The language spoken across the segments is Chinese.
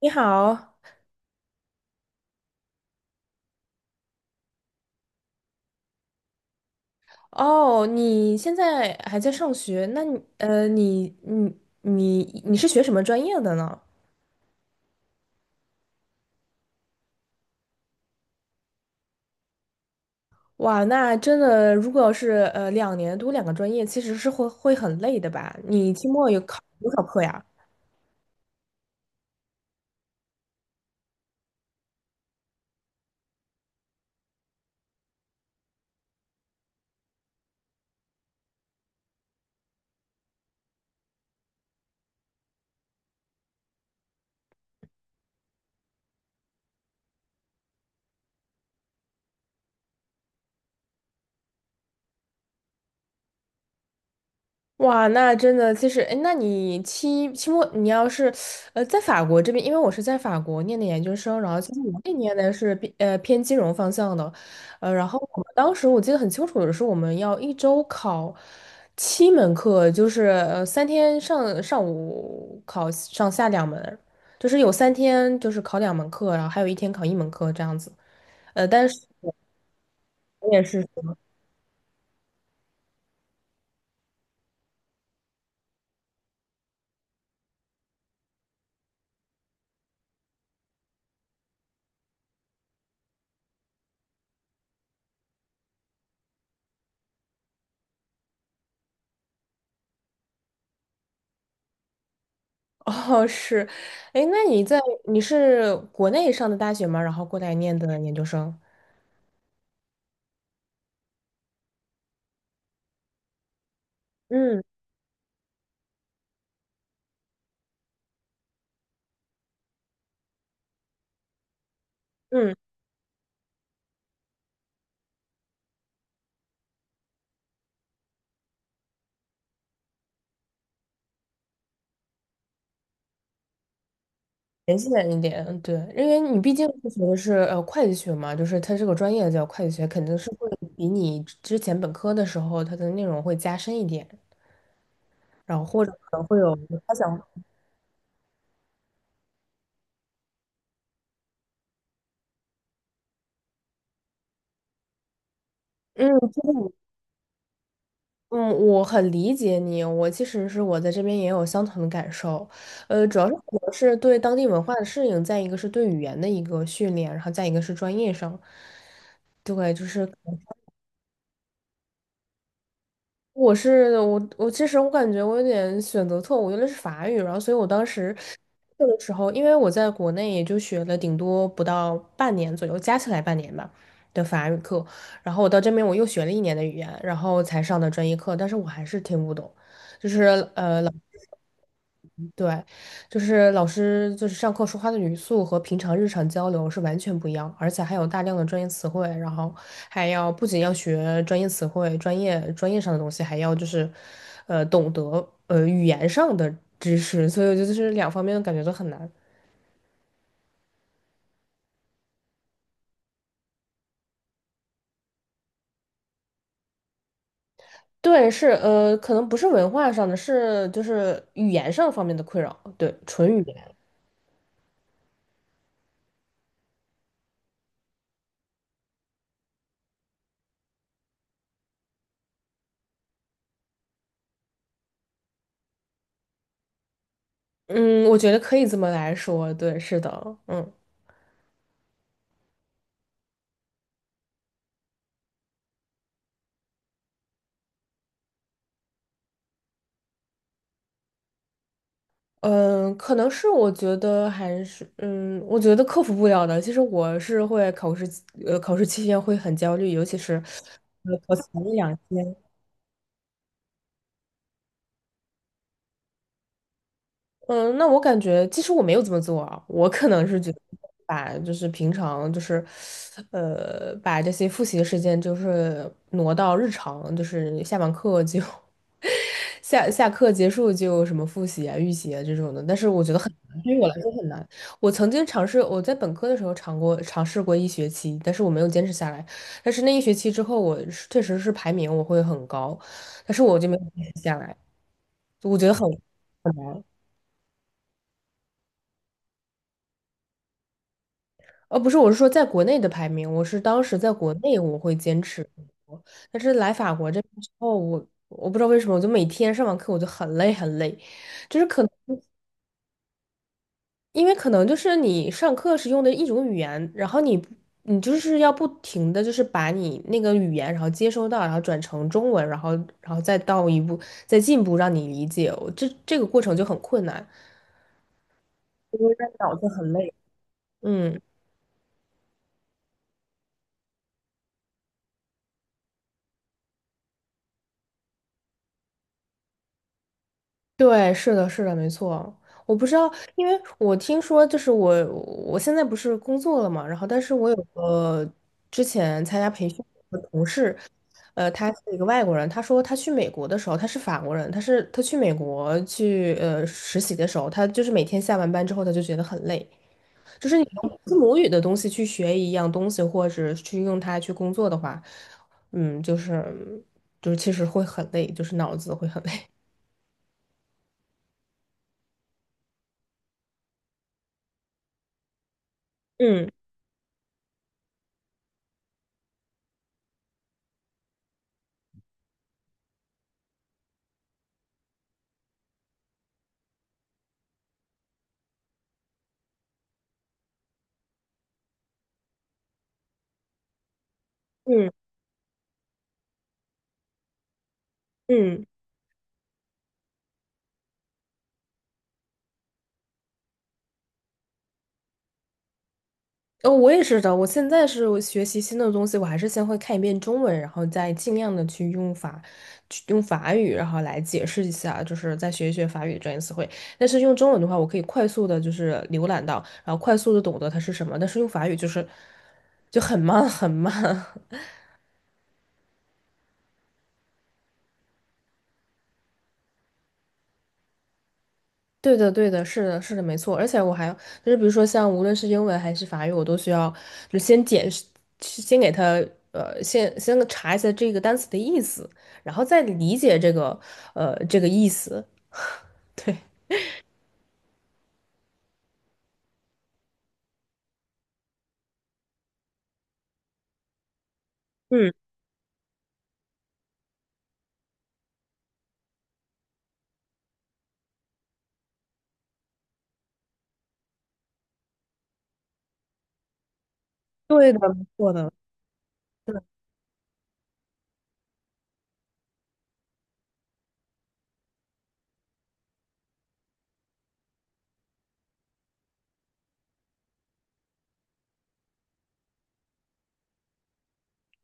你好。哦，你现在还在上学？那你是学什么专业的呢？哇，那真的，如果要是2年读两个专业，其实是会很累的吧？你期末有考多少课呀？哇，那真的其实，哎，那你期期末你要是，呃，在法国这边，因为我是在法国念的研究生。然后其实我那年的是偏金融方向的。然后我们当时，我记得很清楚的是，我们要一周考七门课，就是三天上午考上下两门，就是有三天就是考两门课，然后还有一天考一门课这样子。但是我们也是。哦，是。哎，那你你是国内上的大学吗？然后过来念的研究生？嗯嗯。联系人一点。嗯，对，因为你毕竟是学的是会计学嘛，就是它这个专业叫会计学，肯定是会比你之前本科的时候它的内容会加深一点，然后或者可能会有他想。嗯。嗯，我很理解你。我其实是，我在这边也有相同的感受。主要是可能是对当地文化的适应，再一个是对语言的一个训练，然后再一个是专业上。对，就是我是我其实我感觉我有点选择错误，用的是法语，然后所以我当时这个时候，因为我在国内也就学了顶多不到半年左右，加起来半年吧的法语课，然后我到这边我又学了一年的语言，然后才上的专业课，但是我还是听不懂。就是对，就是老师就是上课说话的语速和平常日常交流是完全不一样，而且还有大量的专业词汇。然后还要不仅要学专业词汇、专业上的东西，还要就是，懂得语言上的知识，所以我觉得就是两方面的感觉都很难。对，是可能不是文化上的，是就是语言上方面的困扰，对，纯语言。嗯，我觉得可以这么来说，对，是的。嗯。嗯，可能是我觉得还是我觉得克服不了的。其实我是会考试呃，考试期间会很焦虑，尤其是考前一两天。嗯，那我感觉其实我没有这么做啊，我可能是觉得把就是平常就是把这些复习的时间就是挪到日常，就是下完课就 下课结束就什么复习啊、预习啊这种的，但是我觉得很难，对于我来说很难。我曾经尝试，我在本科的时候尝试过一学期，但是我没有坚持下来。但是那一学期之后，我是确实是排名我会很高，但是我就没有坚持下来。我觉得很，不是，我是说在国内的排名，我是当时在国内我会坚持很多，但是来法国这边之后，我不知道为什么，我就每天上完课我就很累很累。就是可能。因为可能就是你上课是用的一种语言，然后你就是要不停的就是把你那个语言，然后接收到，然后转成中文，然后再到一步再进一步让你理解，我这个过程就很困难，就会让脑子很累。嗯。对，是的，是的，没错。我不知道，因为我听说，就是我现在不是工作了嘛，然后但是我有个之前参加培训的同事。他是一个外国人，他说他去美国的时候，他是法国人，他是他去美国去实习的时候，他就是每天下完班之后，他就觉得很累，就是你用自母语的东西去学一样东西，或者去用它去工作的话，嗯，就是其实会很累，就是脑子会很累。嗯嗯嗯。哦，我也是的。我现在是我学习新的东西，我还是先会看一遍中文，然后再尽量的去用法语，然后来解释一下，就是再学一学法语的专业词汇。但是用中文的话，我可以快速的，就是浏览到，然后快速的懂得它是什么。但是用法语就是就很慢，很慢。对的，对的，是的，是的，没错。而且我还就是，比如说像无论是英文还是法语，我都需要就先解释先给他呃，先查一下这个单词的意思，然后再理解这个意思。对，嗯，对的，没错的。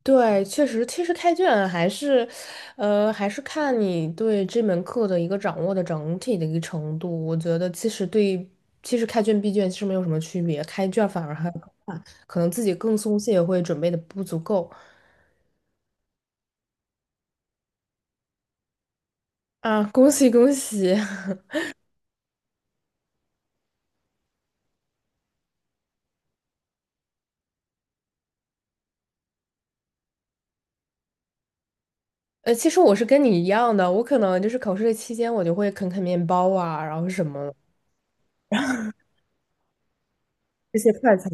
对，确实，其实开卷还是，还是看你对这门课的一个掌握的整体的一个程度。我觉得其实对，其实开卷闭卷其实没有什么区别，开卷反而还。可能自己更松懈，会准备的不足够。啊，恭喜恭喜！其实我是跟你一样的，我可能就是考试的期间，我就会啃啃面包啊，然后什么这些快餐。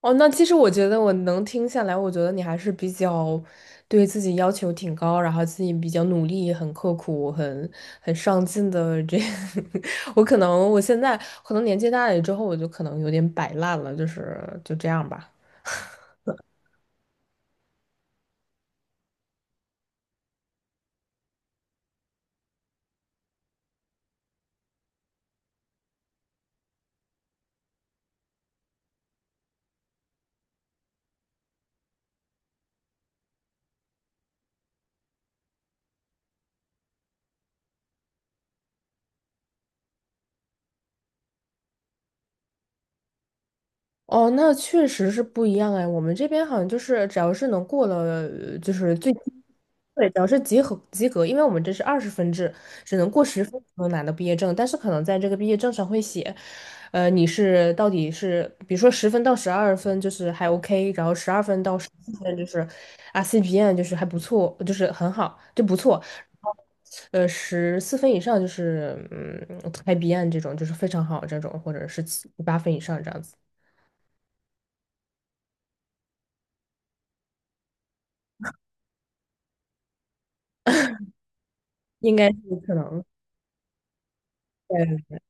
哦，那其实我觉得我能听下来，我觉得你还是比较对自己要求挺高，然后自己比较努力、很刻苦、很上进的这。我现在可能年纪大了之后，我就可能有点摆烂了，就是就这样吧。哦，那确实是不一样哎。我们这边好像就是，只要是能过了，就是最，对，只要是及格及格，因为我们这是20分制，只能过十分才能拿到毕业证。但是可能在这个毕业证上会写，你到底是，比如说十分到十二分就是还 OK,然后12分到十四分就是啊 CPN 就是还不错，就是很好，就不错。十四分以上就是IBN 这种就是非常好这种，或者是七八分以上这样子。应该是可能，对，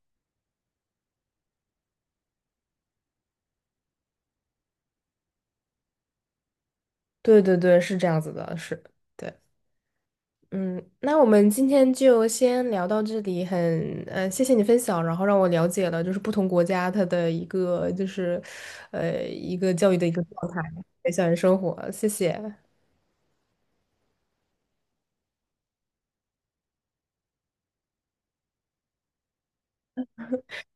对对对，是这样子的，是，对，嗯，那我们今天就先聊到这里，谢谢你分享，然后让我了解了就是不同国家它的一个就是，一个教育的一个状态，对校园生活，谢谢，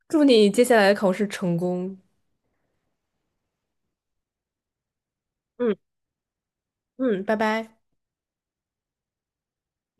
祝你接下来的考试成功。嗯嗯，拜拜。